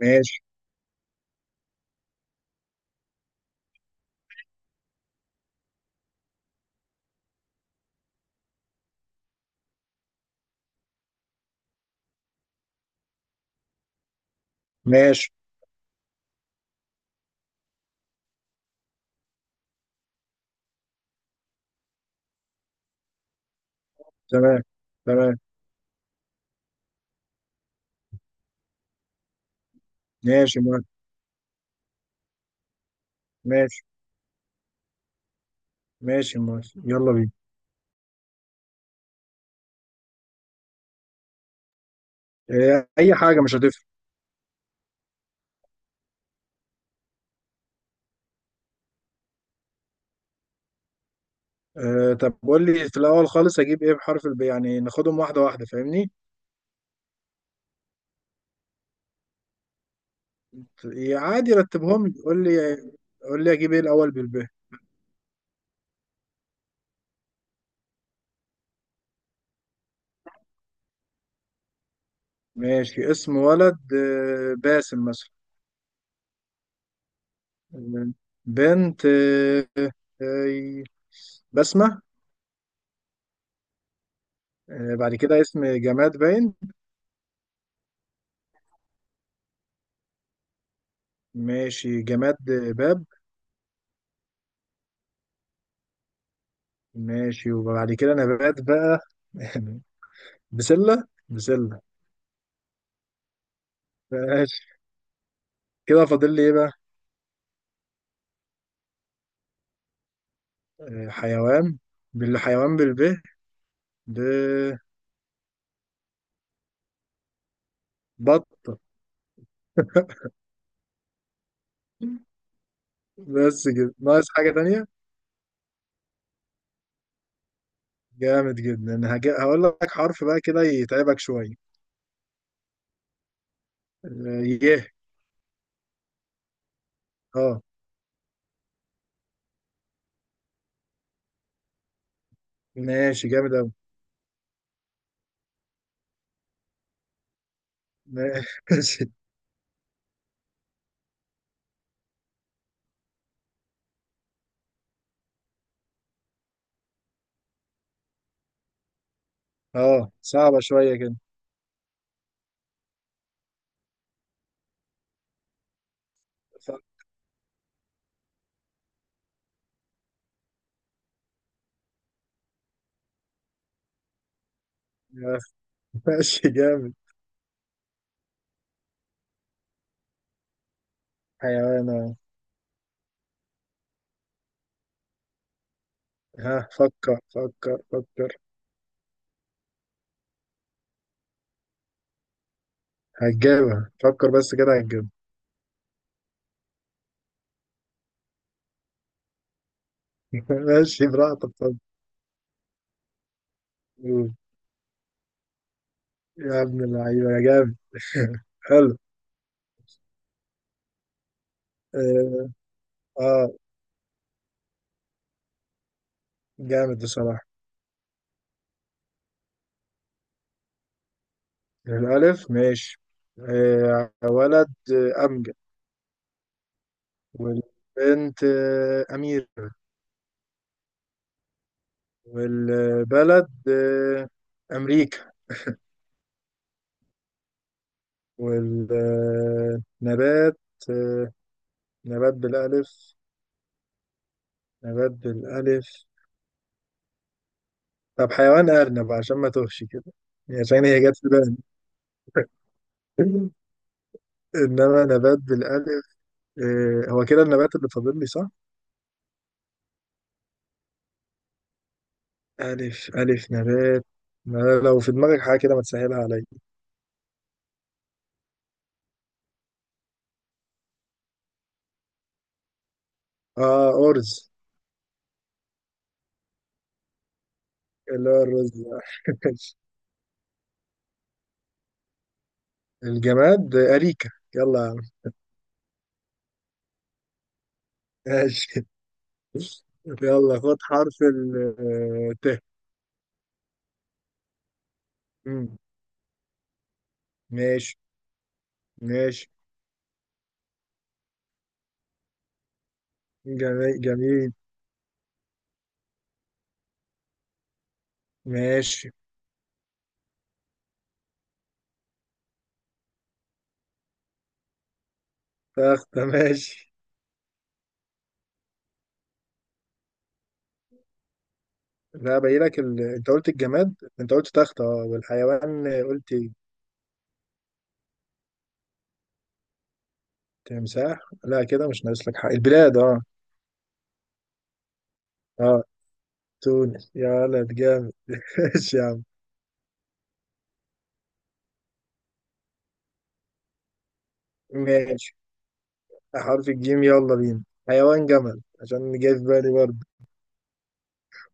ماشي ماشي. تمام تمام. ماشي، موافق. ماشي، ماشي، موافق، يلا بينا. اي حاجه مش هتفرق. طب قول لي في الاول خالص اجيب ايه بحرف الب، يعني ناخدهم واحده واحده، فاهمني؟ يا عادي، رتبهم لي، قول لي. قول لي اجيب ايه الاول بالب. ماشي، اسم ولد باسم مثلا. آه، بنت آه، بسمه. بعد كده اسم جماد باين. ماشي، جماد باب. ماشي، وبعد كده نبات بقى. بسلة بسلة. ماشي، كده فاضل لي ايه بقى؟ حيوان، بالحيوان بالب، ببط. بس كده ناقص حاجة تانية. جامد جدا. هقول لك حرف بقى كده يتعبك شوية. يه. اه، ماشي، جامد أوي. ماشي، اه صعبة شوية كده. ف- ماشي، جامد. حيوان، اه. ها، فكر فكر فكر. هتجيبها، فكر بس كده هتجيبها. ماشي، براحتك، اتفضل. يا ابن اللعيبة يا جامد. حلو. اه. آه، جامد بصراحة. الألف، ماشي. آه، ولد أمجد. والبنت أميرة. والبلد أمريكا. والنبات آه، نبات بالألف، نبات بالألف. طب حيوان أرنب، عشان ما توهش كده، عشان هي جت في بالي. إنما نبات بالألف. هو كده النبات اللي فاضل لي، صح؟ ألف ألف نبات. ما لو في دماغك حاجة كده ما تسهلها عليا. آه، أرز. اللي هو الرز ده. الجماد أريكة، يلا يا عم. ماشي. يلا خد حرف ال ت. مم. ماشي. ماشي، جميل جميل. ماشي، تختة. ماشي. لا، باين لك انت قلت الجماد، انت قلت تختة، اه. والحيوان قلت تمساح. لا كده مش ناقص لك حاجة. البلاد، اه. اه، تونس يا ولد، جامد. ماشي يا عم. ماشي، حرف الجيم، يلا بينا. حيوان جمل، عشان جاي في بالي برضه.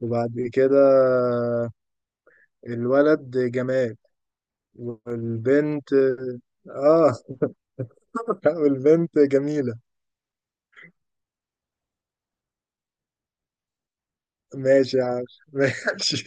وبعد كده الولد جمال. والبنت، اه. والبنت جميلة. ماشي يا عم. ماشي.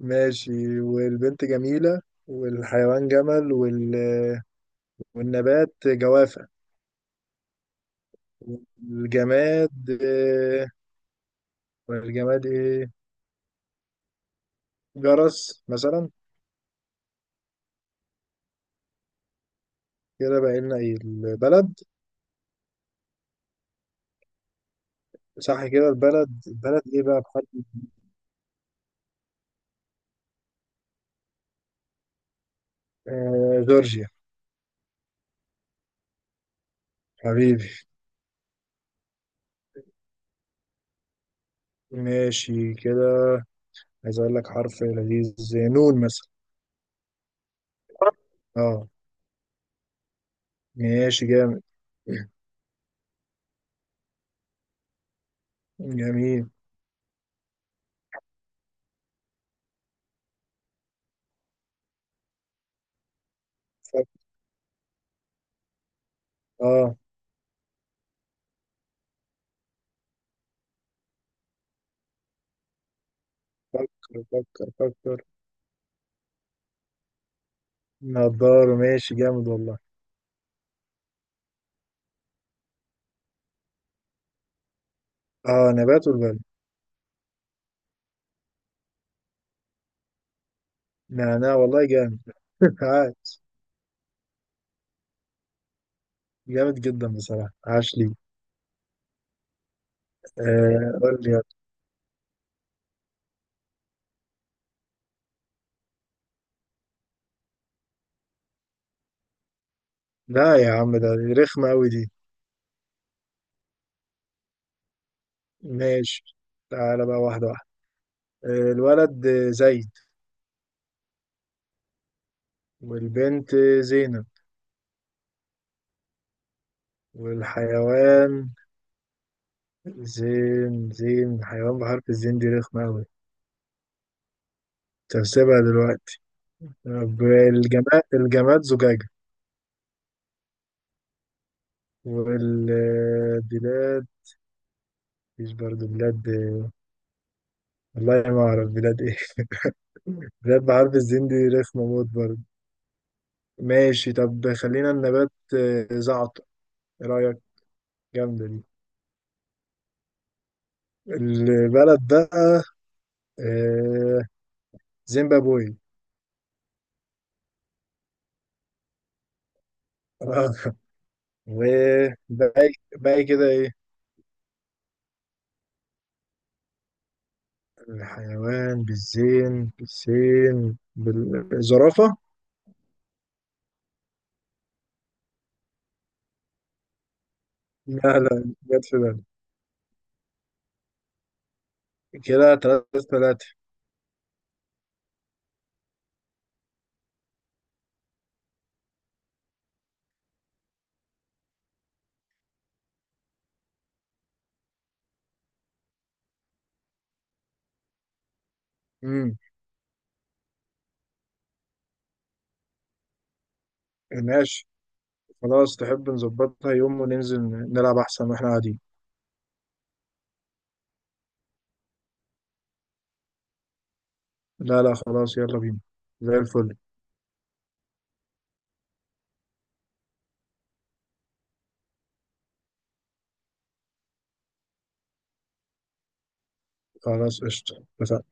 ماشي، والبنت جميلة. والحيوان جمل والنبات جوافة. والجماد والجماد ايه؟ جرس مثلا. كده بقى لنا ايه؟ البلد. صح كده، البلد. البلد ايه بقى بحد؟ آه، جورجيا. حبيبي. ماشي كده. عايز اقول لك حرف لذيذ زي نون مثلا. اه، ماشي جامد. جميل، فكر. اه، فكر فكر فكر. نضاره، ماشي، جامد والله. اه، نبات والبلد. نعناع، والله جامد. عاش. جامد جدا بصراحة، عاش لي. آه، قول لي يلا. لا يا عم ده، رخمة أوي دي. ماشي، تعالى بقى واحدة واحدة. آه، الولد زيد. والبنت زينب. والحيوان زين، زين حيوان بحرف الزين دي رخمة أوي. تحسبها دلوقتي. طب الجماد، الجماد زجاجة. والبلاد، مفيش برضه بلاد. والله ما أعرف بلاد إيه. بلاد بحرف الزين دي رخمة موت برضه. ماشي، طب خلينا النبات زعتر، إيه رأيك؟ جامدة دي. البلد بقى آه، زيمبابوي. آه. وباقي باقي كده إيه؟ الحيوان بالزين، بالسين، بالزرافة. لا لا، جت في بالي. كده تلاتة تلاتة. امم ماشي، خلاص، تحب نظبطها يوم وننزل نلعب، أحسن واحنا قاعدين. لا لا، خلاص، يلا بينا، زي الفل. خلاص، قشطة، اتفقنا.